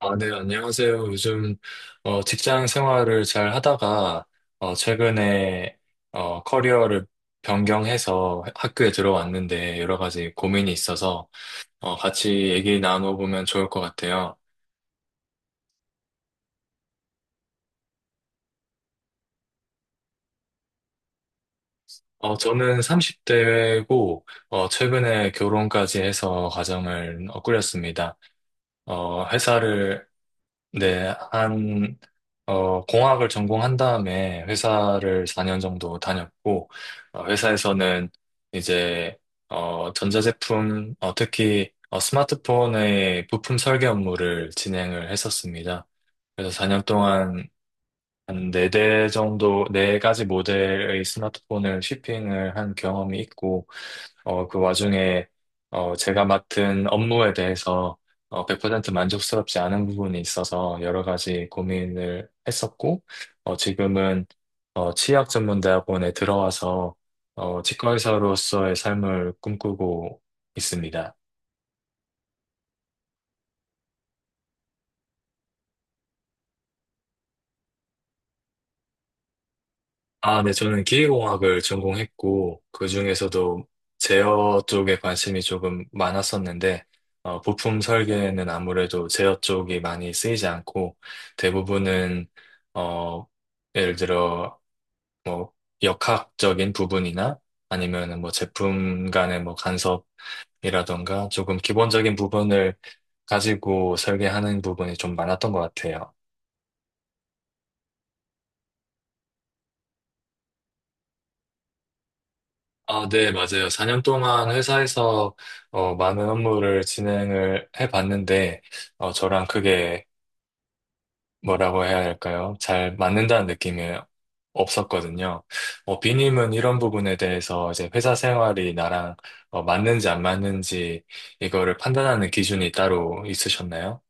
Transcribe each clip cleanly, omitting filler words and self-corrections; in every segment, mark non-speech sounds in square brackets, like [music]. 아, 네, 안녕하세요. 요즘 직장 생활을 잘 하다가 최근에 커리어를 변경해서 학교에 들어왔는데 여러 가지 고민이 있어서 같이 얘기 나눠보면 좋을 것 같아요. 저는 30대고 최근에 결혼까지 해서 가정을 꾸렸습니다. 어, 회사를 네, 공학을 전공한 다음에 회사를 4년 정도 다녔고, 회사에서는 이제, 전자제품, 특히, 스마트폰의 부품 설계 업무를 진행을 했었습니다. 그래서 4년 동안 한 4대 정도, 네 가지 모델의 스마트폰을 shipping을 한 경험이 있고, 그 와중에 제가 맡은 업무에 대해서 100% 만족스럽지 않은 부분이 있어서 여러 가지 고민을 했었고, 지금은 치의학전문대학원에 들어와서 치과의사로서의 삶을 꿈꾸고 있습니다. 아, 네, 저는 기계공학을 전공했고, 그 중에서도 제어 쪽에 관심이 조금 많았었는데, 부품 설계는 아무래도 제어 쪽이 많이 쓰이지 않고, 대부분은, 어, 예를 들어, 뭐, 역학적인 부분이나 아니면은 뭐 제품 간의 뭐 간섭이라던가 조금 기본적인 부분을 가지고 설계하는 부분이 좀 많았던 것 같아요. 아, 네, 맞아요. 4년 동안 회사에서 많은 업무를 진행을 해봤는데, 저랑 그게 뭐라고 해야 할까요? 잘 맞는다는 느낌이 없었거든요. 비님은 이런 부분에 대해서 이제 회사 생활이 나랑 맞는지 안 맞는지 이거를 판단하는 기준이 따로 있으셨나요?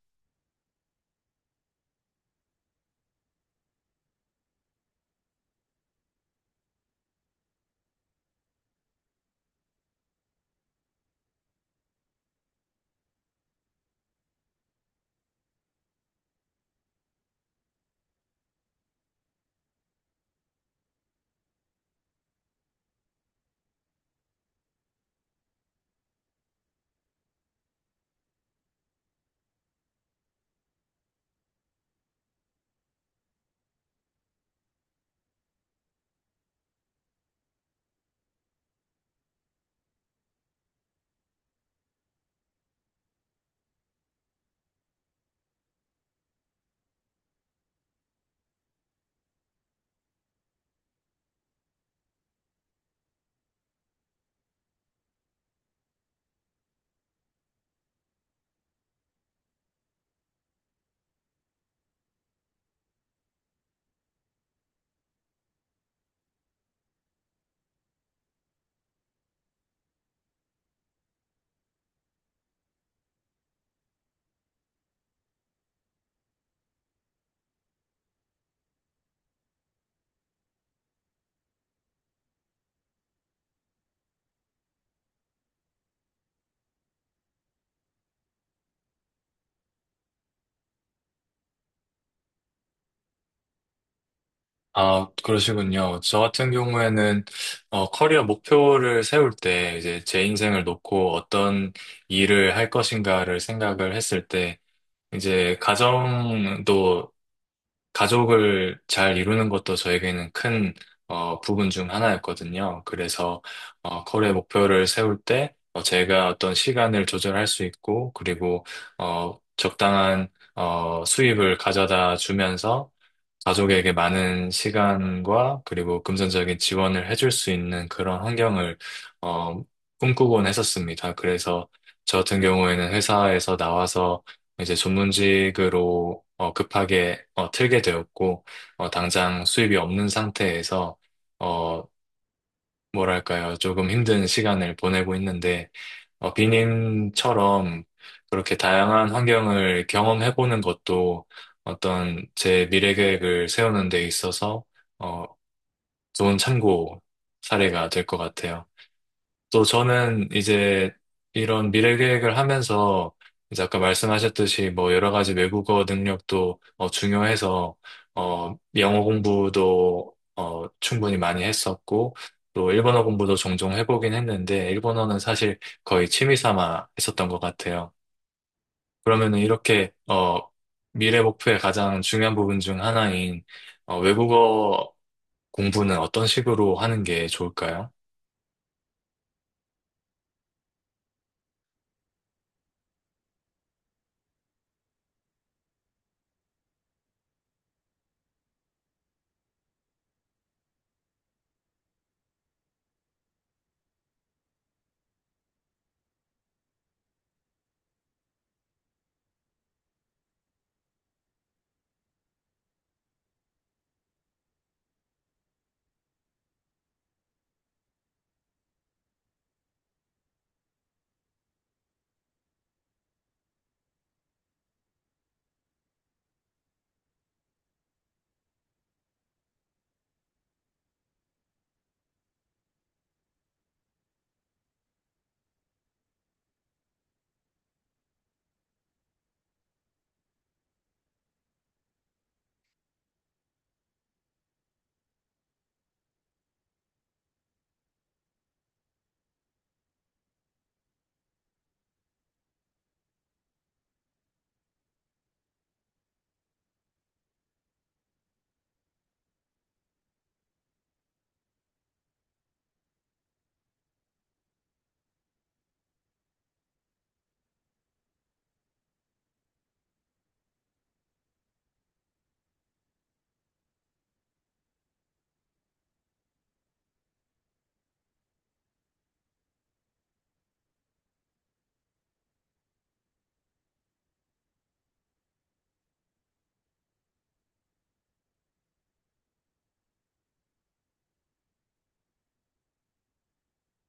아, 그러시군요. 저 같은 경우에는, 커리어 목표를 세울 때, 이제 제 인생을 놓고 어떤 일을 할 것인가를 생각을 했을 때, 이제 가정도, 가족을 잘 이루는 것도 저에게는 큰, 부분 중 하나였거든요. 그래서, 커리어 목표를 세울 때, 제가 어떤 시간을 조절할 수 있고, 그리고, 적당한, 수입을 가져다 주면서, 가족에게 많은 시간과 그리고 금전적인 지원을 해줄 수 있는 그런 환경을 어, 꿈꾸곤 했었습니다. 그래서 저 같은 경우에는 회사에서 나와서 이제 전문직으로 급하게 틀게 되었고 당장 수입이 없는 상태에서 어, 뭐랄까요, 조금 힘든 시간을 보내고 있는데 비님처럼 그렇게 다양한 환경을 경험해보는 것도 어떤 제 미래 계획을 세우는 데 있어서 어, 좋은 참고 사례가 될 것 같아요. 또 저는 이제 이런 미래 계획을 하면서 이제 아까 말씀하셨듯이 뭐 여러 가지 외국어 능력도 중요해서 영어 공부도 충분히 많이 했었고 또 일본어 공부도 종종 해보긴 했는데 일본어는 사실 거의 취미 삼아 했었던 것 같아요. 그러면은 이렇게 미래 목표의 가장 중요한 부분 중 하나인 외국어 공부는 어떤 식으로 하는 게 좋을까요?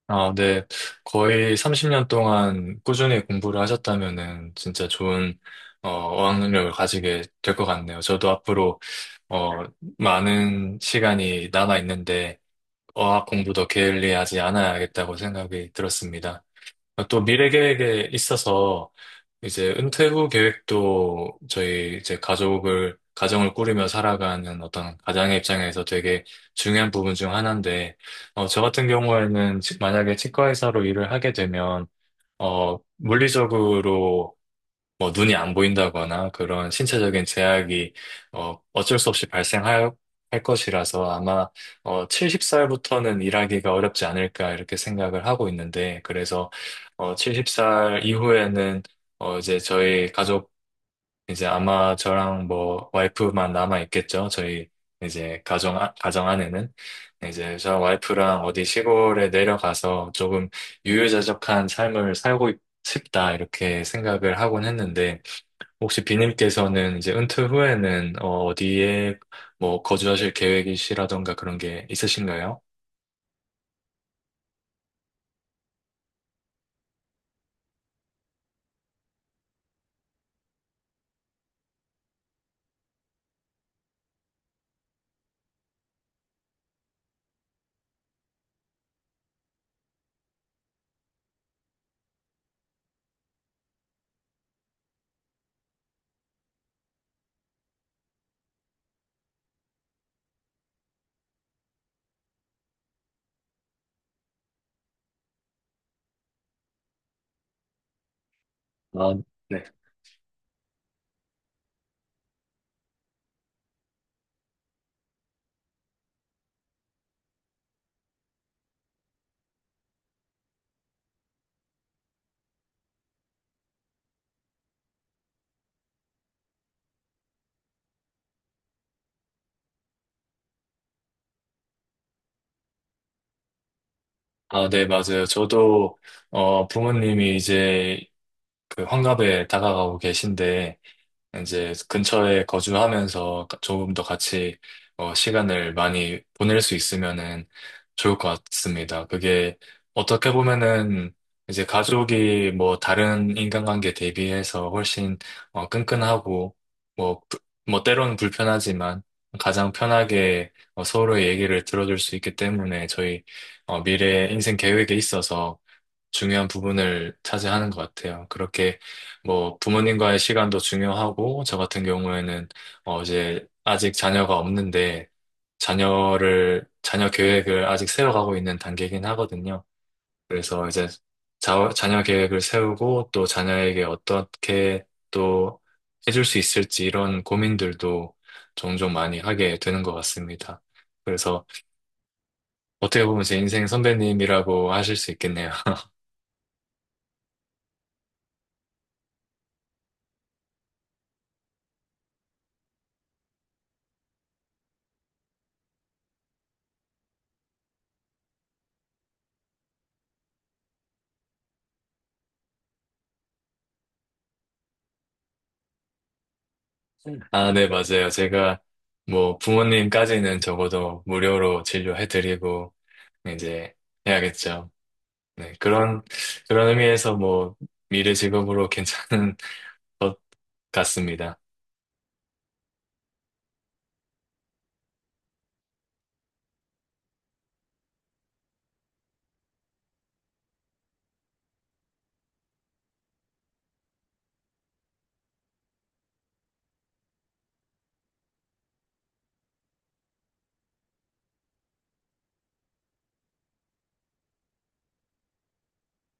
아, 네. 거의 30년 동안 꾸준히 공부를 하셨다면은 진짜 좋은 어학능력을 가지게 될 것 같네요. 저도 앞으로 어, 많은 시간이 남아 있는데 어학 공부도 게을리하지 않아야겠다고 생각이 들었습니다. 또 미래 계획에 있어서 이제 은퇴 후 계획도 저희 이제 가족을, 가정을 꾸리며 살아가는 어떤 가장의 입장에서 되게 중요한 부분 중 하나인데, 저 같은 경우에는 만약에 치과 의사로 일을 하게 되면, 물리적으로 뭐 눈이 안 보인다거나 그런 신체적인 제약이 어쩔 수 없이 발생할 할 것이라서 아마 70살부터는 일하기가 어렵지 않을까 이렇게 생각을 하고 있는데, 그래서 70살 이후에는 이제 저희 가족, 이제 아마 저랑 뭐 와이프만 남아 있겠죠. 저희 이제 가정 안에는 이제 저 와이프랑 어디 시골에 내려가서 조금 유유자적한 삶을 살고 싶다, 이렇게 생각을 하곤 했는데, 혹시 비님께서는 이제 은퇴 후에는 어디에 뭐 거주하실 계획이시라던가 그런 게 있으신가요? 아, 네. 아, 네, 맞아요. 저도 부모님이 이제 그 환갑에 다가가고 계신데 이제 근처에 거주하면서 조금 더 같이 시간을 많이 보낼 수 있으면은 좋을 것 같습니다. 그게 어떻게 보면은 이제 가족이 뭐 다른 인간관계 대비해서 훨씬 끈끈하고, 뭐, 뭐 때로는 불편하지만 가장 편하게 서로의 얘기를 들어줄 수 있기 때문에 저희 미래 인생 계획에 있어서 중요한 부분을 차지하는 것 같아요. 그렇게 뭐 부모님과의 시간도 중요하고, 저 같은 경우에는 이제 아직 자녀가 없는데 자녀 계획을 아직 세워가고 있는 단계이긴 하거든요. 그래서 이제 자녀 계획을 세우고 또 자녀에게 어떻게 또 해줄 수 있을지 이런 고민들도 종종 많이 하게 되는 것 같습니다. 그래서 어떻게 보면 제 인생 선배님이라고 하실 수 있겠네요. 아, 네, 맞아요. 제가 뭐 부모님까지는 적어도 무료로 진료해드리고 이제 해야겠죠. 네, 그런 의미에서 뭐 미래 직업으로 괜찮은 [laughs] 것 같습니다.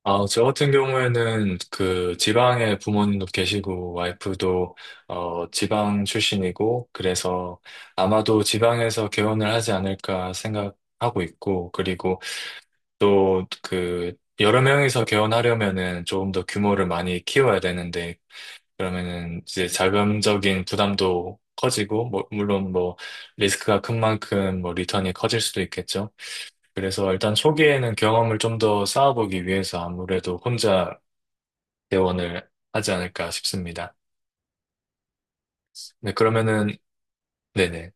아, 저 같은 경우에는 그 지방에 부모님도 계시고 와이프도 지방 출신이고 그래서 아마도 지방에서 개원을 하지 않을까 생각하고 있고, 그리고 또 그 여러 명이서 개원하려면은 조금 더 규모를 많이 키워야 되는데 그러면은 이제 자금적인 부담도 커지고, 물론 뭐 리스크가 큰 만큼 뭐 리턴이 커질 수도 있겠죠. 그래서 일단 초기에는 경험을 좀 더 쌓아보기 위해서 아무래도 혼자 개원을 하지 않을까 싶습니다. 네, 그러면은 네네.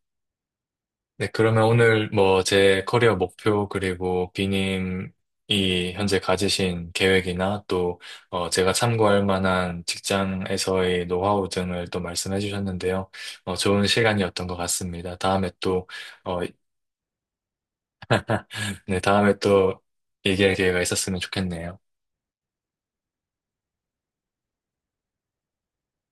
네, 그러면 오늘 뭐 제 커리어 목표 그리고 비님이 현재 가지신 계획이나 또 제가 참고할 만한 직장에서의 노하우 등을 또 말씀해 주셨는데요. 좋은 시간이었던 것 같습니다. 다음에 또, 어, 네, 다음에 또 얘기할 기회가 있었으면 좋겠네요.